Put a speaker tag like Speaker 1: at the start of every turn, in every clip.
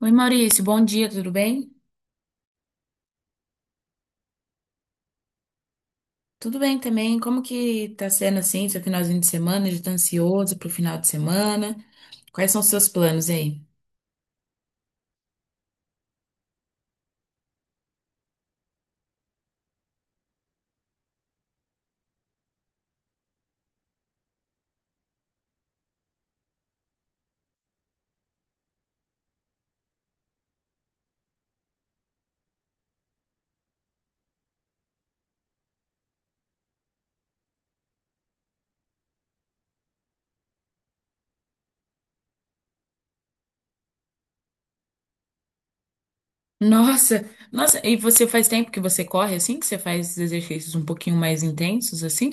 Speaker 1: Oi, Maurício, bom dia, tudo bem? Tudo bem também. Como que tá sendo assim, seu finalzinho de semana? Já tá ansioso pro final de semana? Quais são os seus planos aí? Nossa, nossa, e você faz tempo que você corre assim, que você faz esses exercícios um pouquinho mais intensos assim?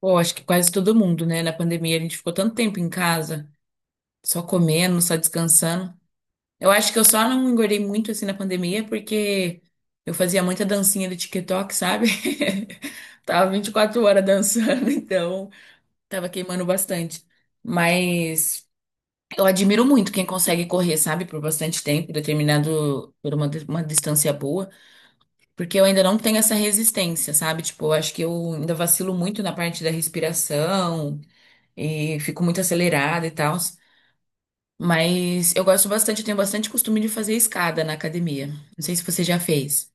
Speaker 1: Pô, acho que quase todo mundo, né? Na pandemia a gente ficou tanto tempo em casa, só comendo, só descansando. Eu acho que eu só não engordei muito assim na pandemia porque eu fazia muita dancinha do TikTok, sabe? Tava 24 horas dançando, então tava queimando bastante. Mas eu admiro muito quem consegue correr, sabe, por bastante tempo, determinado por uma distância boa, porque eu ainda não tenho essa resistência, sabe? Tipo, eu acho que eu ainda vacilo muito na parte da respiração e fico muito acelerada e tal. Mas eu gosto bastante, eu tenho bastante costume de fazer escada na academia. Não sei se você já fez.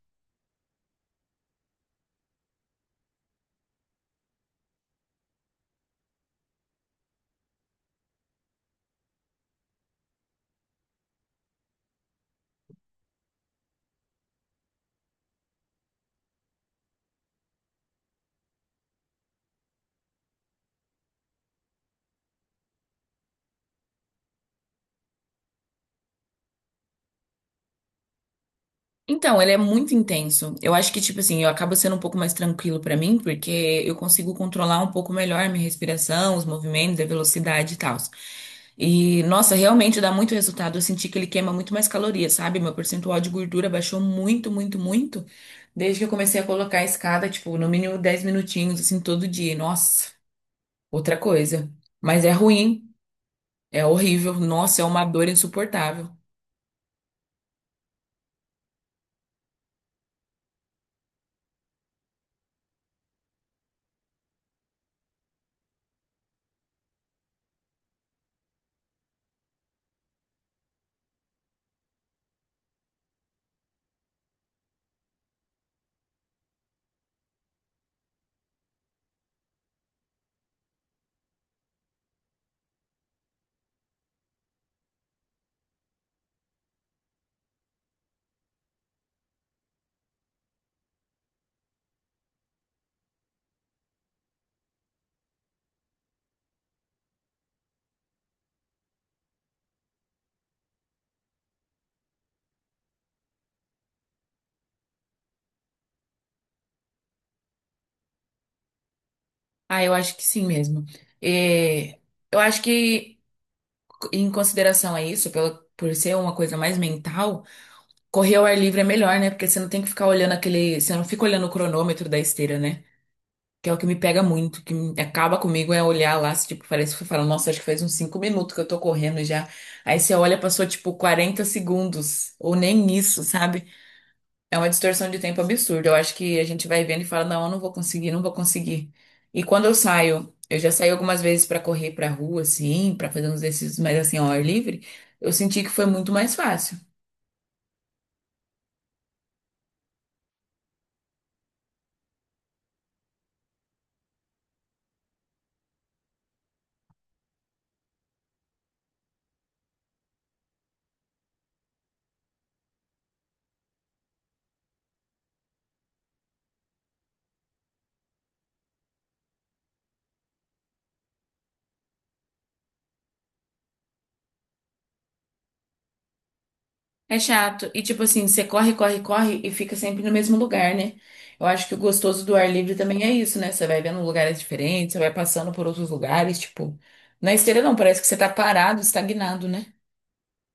Speaker 1: Então, ele é muito intenso. Eu acho que, tipo assim, eu acabo sendo um pouco mais tranquilo pra mim, porque eu consigo controlar um pouco melhor a minha respiração, os movimentos, a velocidade e tal. E, nossa, realmente dá muito resultado. Eu senti que ele queima muito mais calorias, sabe? Meu percentual de gordura baixou muito, muito, muito. Desde que eu comecei a colocar a escada, tipo, no mínimo 10 minutinhos, assim, todo dia. Nossa, outra coisa. Mas é ruim. É horrível. Nossa, é uma dor insuportável. Ah, eu acho que sim mesmo. É, eu acho que, em consideração a isso, por ser uma coisa mais mental, correr ao ar livre é melhor, né? Porque você não tem que ficar olhando aquele. Você não fica olhando o cronômetro da esteira, né? Que é o que me pega muito, acaba comigo é olhar lá, se, tipo, parece que você fala, nossa, acho que faz uns 5 minutos que eu tô correndo já. Aí você olha, passou tipo 40 segundos, ou nem isso, sabe? É uma distorção de tempo absurda. Eu acho que a gente vai vendo e fala, não, eu não vou conseguir, não vou conseguir. E quando eu saio, eu já saí algumas vezes pra correr pra rua, assim, pra fazer uns exercícios mais assim ao ar livre, eu senti que foi muito mais fácil. É chato. E tipo assim, você corre, corre, corre e fica sempre no mesmo lugar, né? Eu acho que o gostoso do ar livre também é isso, né? Você vai vendo lugares diferentes, você vai passando por outros lugares, tipo, na esteira não, parece que você tá parado, estagnado, né?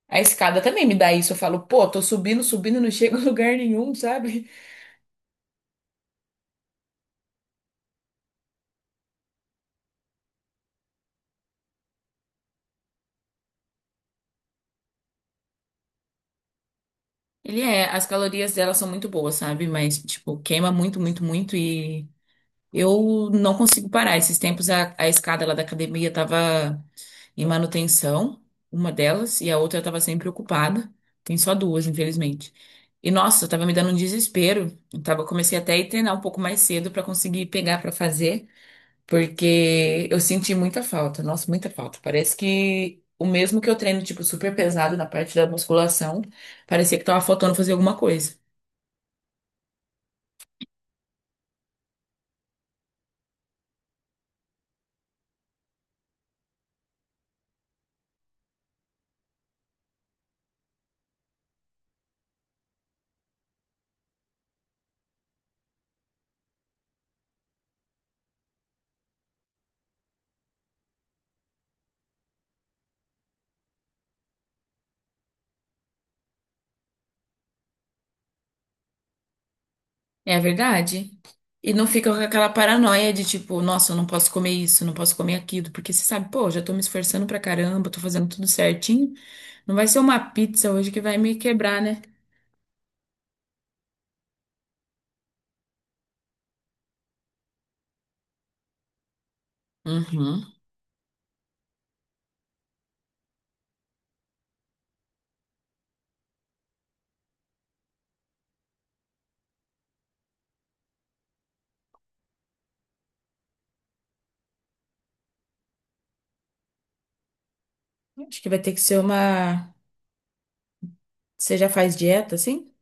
Speaker 1: A escada também me dá isso. Eu falo, pô, tô subindo, subindo, não chego a lugar nenhum, sabe? Ele é, as calorias dela são muito boas, sabe? Mas, tipo, queima muito, muito, muito e eu não consigo parar. Esses tempos a escada lá da academia tava em manutenção, uma delas, e a outra tava sempre ocupada. Tem só duas, infelizmente. E nossa, tava me dando um desespero. Eu tava, comecei até a ir treinar um pouco mais cedo pra conseguir pegar pra fazer. Porque eu senti muita falta, nossa, muita falta. Parece que o mesmo que eu treino, tipo, super pesado na parte da musculação, parecia que tava faltando fazer alguma coisa. É verdade. E não fica com aquela paranoia de tipo, nossa, eu não posso comer isso, não posso comer aquilo, porque você sabe, pô, já tô me esforçando pra caramba, tô fazendo tudo certinho. Não vai ser uma pizza hoje que vai me quebrar, né? Uhum. Acho que vai ter que ser uma. Você já faz dieta, assim?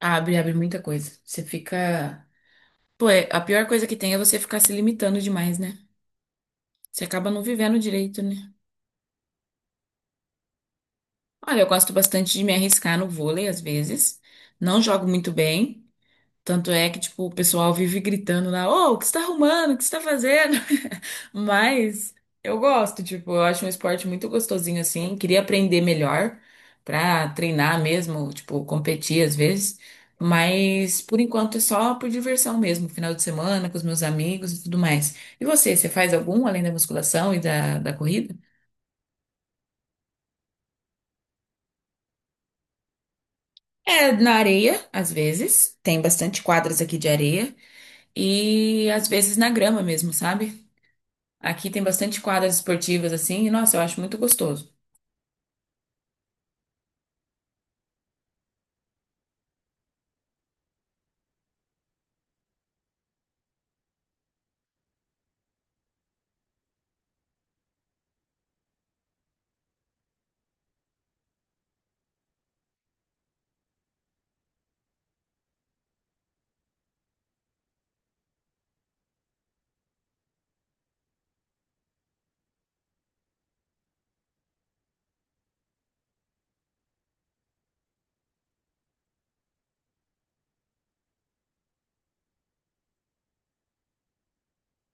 Speaker 1: Abre, abre muita coisa. Você fica. Pô, a pior coisa que tem é você ficar se limitando demais, né? Você acaba não vivendo direito, né? Olha, eu gosto bastante de me arriscar no vôlei, às vezes. Não jogo muito bem. Tanto é que, tipo, o pessoal vive gritando lá, ô, o que você tá arrumando? O que você tá fazendo? Mas eu gosto, tipo, eu acho um esporte muito gostosinho assim. Queria aprender melhor pra treinar mesmo, tipo, competir às vezes. Mas por enquanto é só por diversão mesmo, final de semana com os meus amigos e tudo mais. E você, você faz algum além da musculação e da corrida? É, na areia, às vezes. Tem bastante quadras aqui de areia. E às vezes na grama mesmo, sabe? Aqui tem bastante quadras esportivas assim, e nossa, eu acho muito gostoso.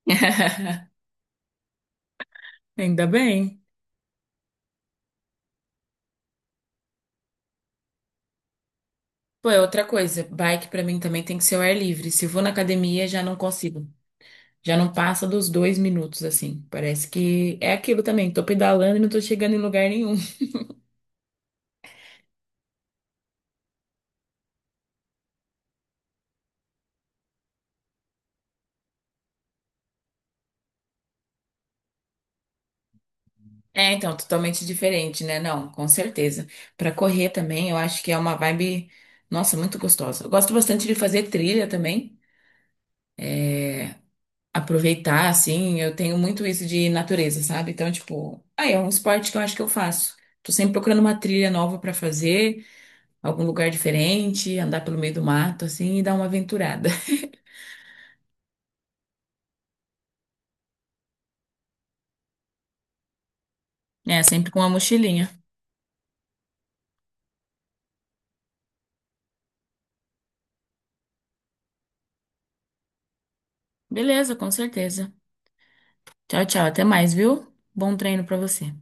Speaker 1: Ainda bem. Pô, é outra coisa, bike pra mim também tem que ser ao ar livre. Se eu vou na academia, já não consigo. Já não passa dos 2 minutos, assim. Parece que é aquilo também. Tô pedalando e não tô chegando em lugar nenhum. É, então, totalmente diferente, né? Não, com certeza. Pra correr também, eu acho que é uma vibe, nossa, muito gostosa. Eu gosto bastante de fazer trilha também. Aproveitar, assim, eu tenho muito isso de natureza, sabe? Então, tipo, aí é um esporte que eu acho que eu faço. Tô sempre procurando uma trilha nova pra fazer, algum lugar diferente, andar pelo meio do mato, assim, e dar uma aventurada. É, sempre com uma mochilinha. Beleza, com certeza. Tchau, tchau, até mais, viu? Bom treino pra você.